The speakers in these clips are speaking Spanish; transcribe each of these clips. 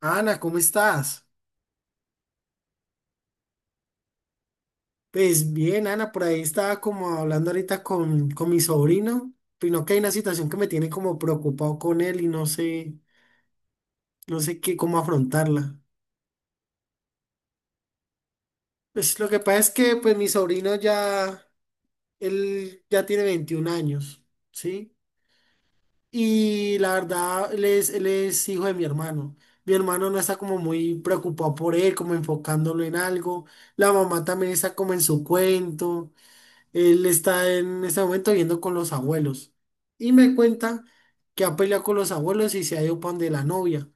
Ana, ¿cómo estás? Pues bien, Ana, por ahí estaba como hablando ahorita con mi sobrino, pero que hay una situación que me tiene como preocupado con él y no sé qué, cómo afrontarla. Pues lo que pasa es que pues mi sobrino ya, él ya tiene 21 años, ¿sí? Y la verdad, él es hijo de mi hermano. Mi hermano no está como muy preocupado por él, como enfocándolo en algo. La mamá también está como en su cuento. Él está en este momento viviendo con los abuelos y me cuenta que ha peleado con los abuelos y se ha ido para donde la novia,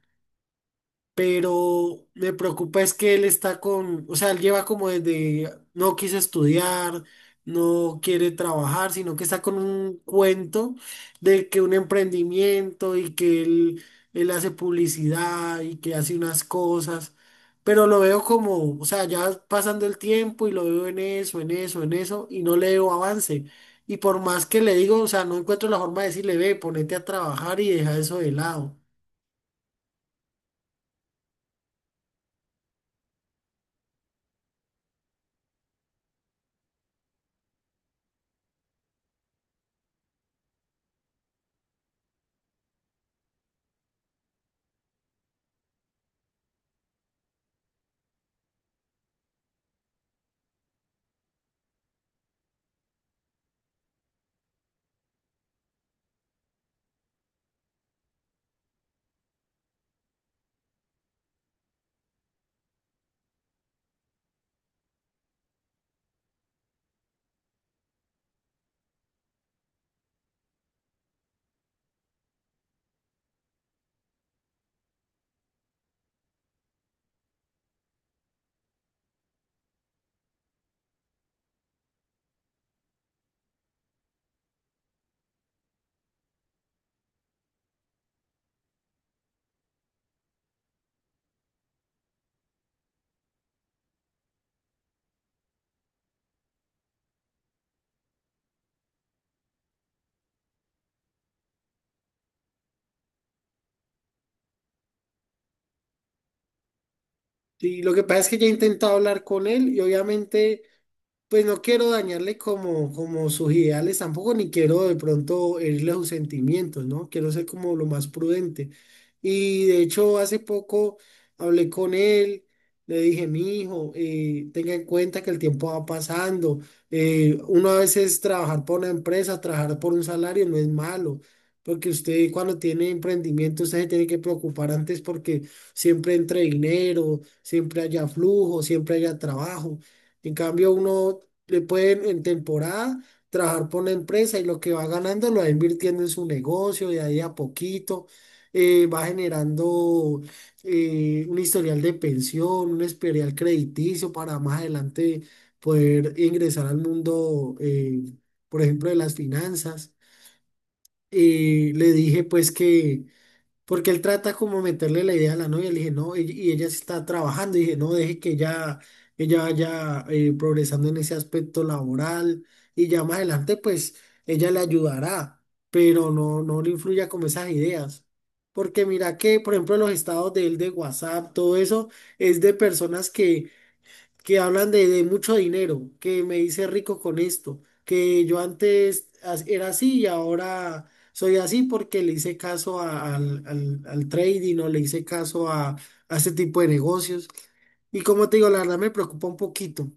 pero me preocupa es que él está con, o sea, él lleva como desde, no quiso estudiar, no quiere trabajar, sino que está con un cuento de que un emprendimiento y que él hace publicidad y que hace unas cosas, pero lo veo como, o sea, ya pasando el tiempo y lo veo en eso, en eso, en eso, y no le veo avance. Y por más que le digo, o sea, no encuentro la forma de decirle, ve, ponete a trabajar y deja eso de lado. Y lo que pasa es que ya he intentado hablar con él y obviamente... Pues no quiero dañarle como sus ideales tampoco, ni quiero de pronto herirle sus sentimientos, ¿no? Quiero ser como lo más prudente. Y de hecho, hace poco hablé con él, le dije, mi hijo, tenga en cuenta que el tiempo va pasando. Uno a veces trabajar por una empresa, trabajar por un salario no es malo, porque usted cuando tiene emprendimiento, usted se tiene que preocupar antes porque siempre entre dinero, siempre haya flujo, siempre haya trabajo. En cambio, uno le puede en temporada trabajar por una empresa y lo que va ganando lo va invirtiendo en su negocio de ahí a poquito. Va generando un historial de pensión, un historial crediticio para más adelante poder ingresar al mundo, por ejemplo, de las finanzas. Le dije pues que porque él trata como meterle la idea a la novia, le dije, no, y ella sí está trabajando, y dije, no, deje que ella vaya progresando en ese aspecto laboral, y ya más adelante, pues, ella le ayudará, pero no, no le influya con esas ideas. Porque mira que, por ejemplo, los estados de él de WhatsApp, todo eso, es de personas que hablan de mucho dinero, que me hice rico con esto, que yo antes era así y ahora soy así porque le hice caso al trading o le hice caso a este tipo de negocios. Y como te digo, la verdad me preocupa un poquito.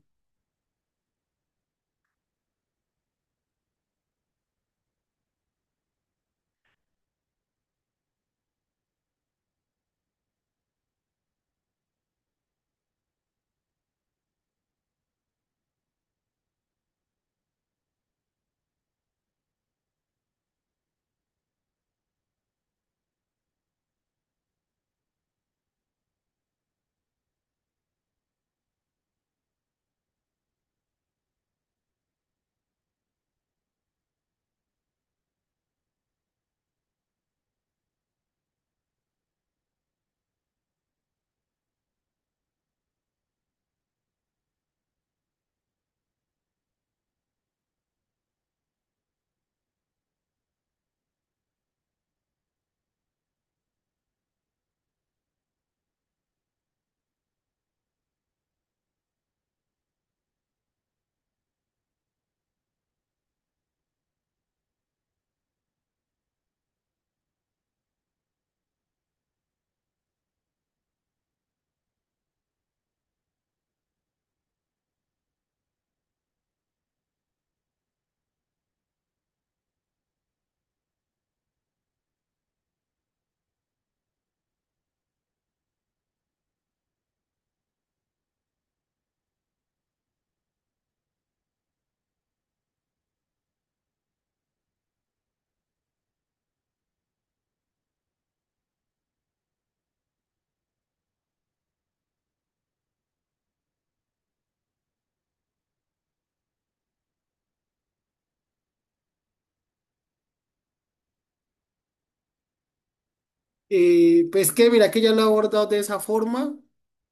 Pues que mira que ya lo he abordado de esa forma, o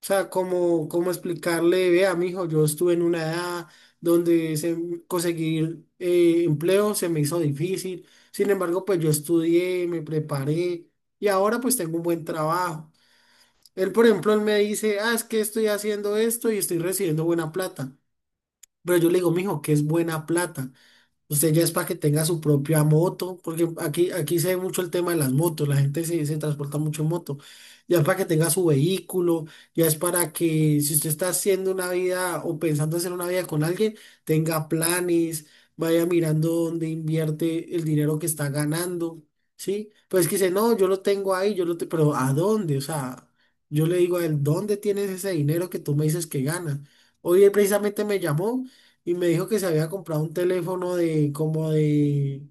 sea, como explicarle, vea, mijo, yo estuve en una edad donde conseguir empleo se me hizo difícil, sin embargo, pues yo estudié, me preparé y ahora pues tengo un buen trabajo. Él, por ejemplo, él me dice, ah, es que estoy haciendo esto y estoy recibiendo buena plata, pero yo le digo, mijo, ¿qué es buena plata? Usted ya es para que tenga su propia moto, porque aquí, aquí se ve mucho el tema de las motos, la gente se transporta mucho en moto. Ya es para que tenga su vehículo, ya es para que si usted está haciendo una vida o pensando hacer una vida con alguien, tenga planes, vaya mirando dónde invierte el dinero que está ganando, ¿sí? Pues que dice, no, yo lo tengo ahí, pero ¿a dónde? O sea, yo le digo a él, ¿dónde tienes ese dinero que tú me dices que ganas? Hoy él precisamente me llamó y me dijo que se había comprado un teléfono de como de,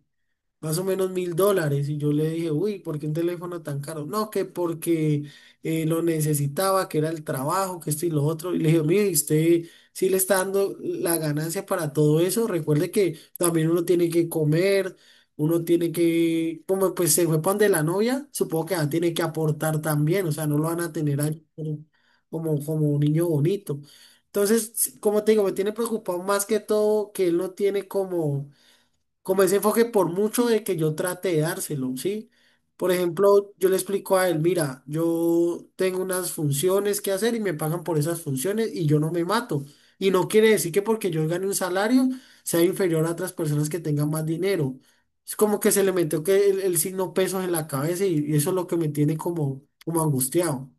más o menos $1.000. Y yo le dije, uy, ¿por qué un teléfono tan caro? No, que porque lo necesitaba, que era el trabajo, que esto y lo otro. Y le dije, mire, ¿y usted sí le está dando la ganancia para todo eso? Recuerde que también uno tiene que comer, uno tiene que, como pues se fue pan de la novia, supongo que ya tiene que aportar también, o sea, no lo van a tener ahí como, como un niño bonito. Entonces, sí, como te digo, me tiene preocupado más que todo que él no tiene como ese enfoque por mucho de que yo trate de dárselo, ¿sí? Por ejemplo, yo le explico a él, mira, yo tengo unas funciones que hacer y me pagan por esas funciones y yo no me mato. Y no quiere decir que porque yo gane un salario sea inferior a otras personas que tengan más dinero. Es como que se le metió que el signo pesos en la cabeza y eso es lo que me tiene como angustiado.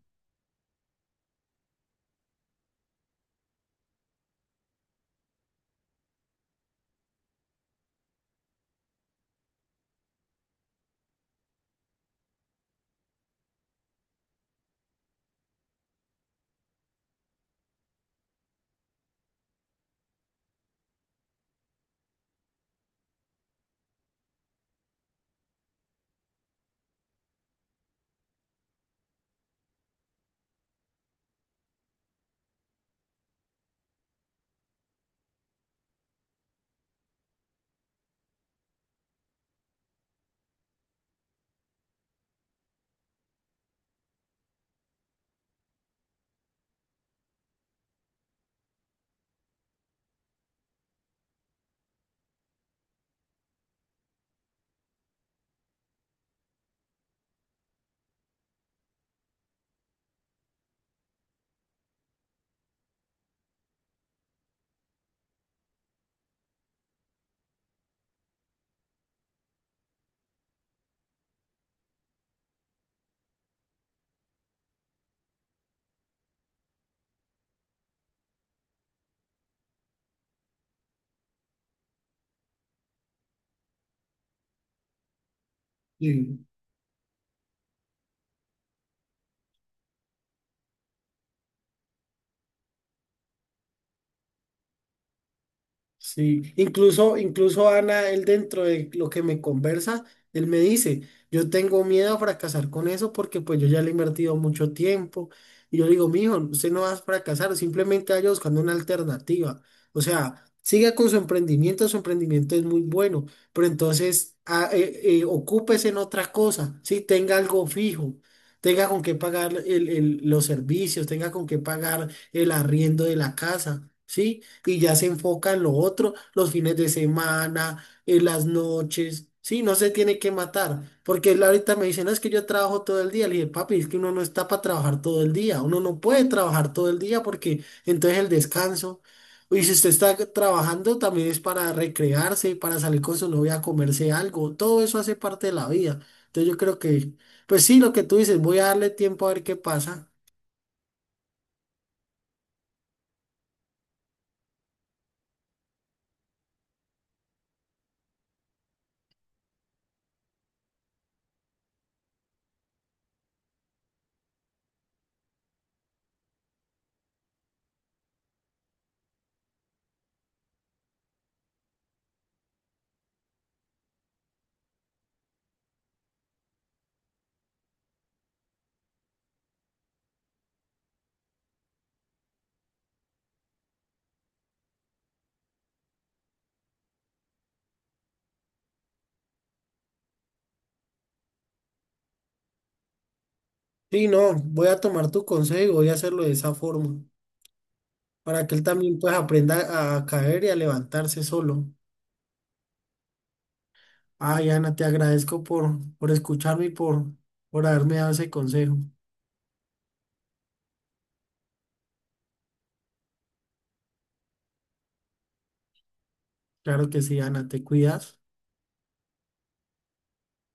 Sí. Sí, incluso Ana, él dentro de lo que me conversa, él me dice, yo tengo miedo a fracasar con eso porque pues yo ya le he invertido mucho tiempo. Y yo le digo, mijo, usted no va a fracasar, simplemente vaya buscando una alternativa. O sea, siga con su emprendimiento es muy bueno, pero entonces ocúpese en otra cosa, ¿sí? Tenga algo fijo, tenga con qué pagar los servicios, tenga con qué pagar el arriendo de la casa, ¿sí? Y ya se enfoca en lo otro, los fines de semana, en las noches. Sí, no se tiene que matar, porque él ahorita me dice, no, es que yo trabajo todo el día. Le dije, papi, es que uno no está para trabajar todo el día, uno no puede trabajar todo el día porque entonces el descanso, y si usted está trabajando también es para recrearse, para salir con su novia a comerse algo, todo eso hace parte de la vida. Entonces yo creo que, pues sí, lo que tú dices, voy a darle tiempo a ver qué pasa. Sí, no, voy a tomar tu consejo y voy a hacerlo de esa forma para que él también pues aprenda a caer y a levantarse solo. Ay, Ana, te agradezco por escucharme y por haberme dado ese consejo. Claro que sí, Ana, te cuidas.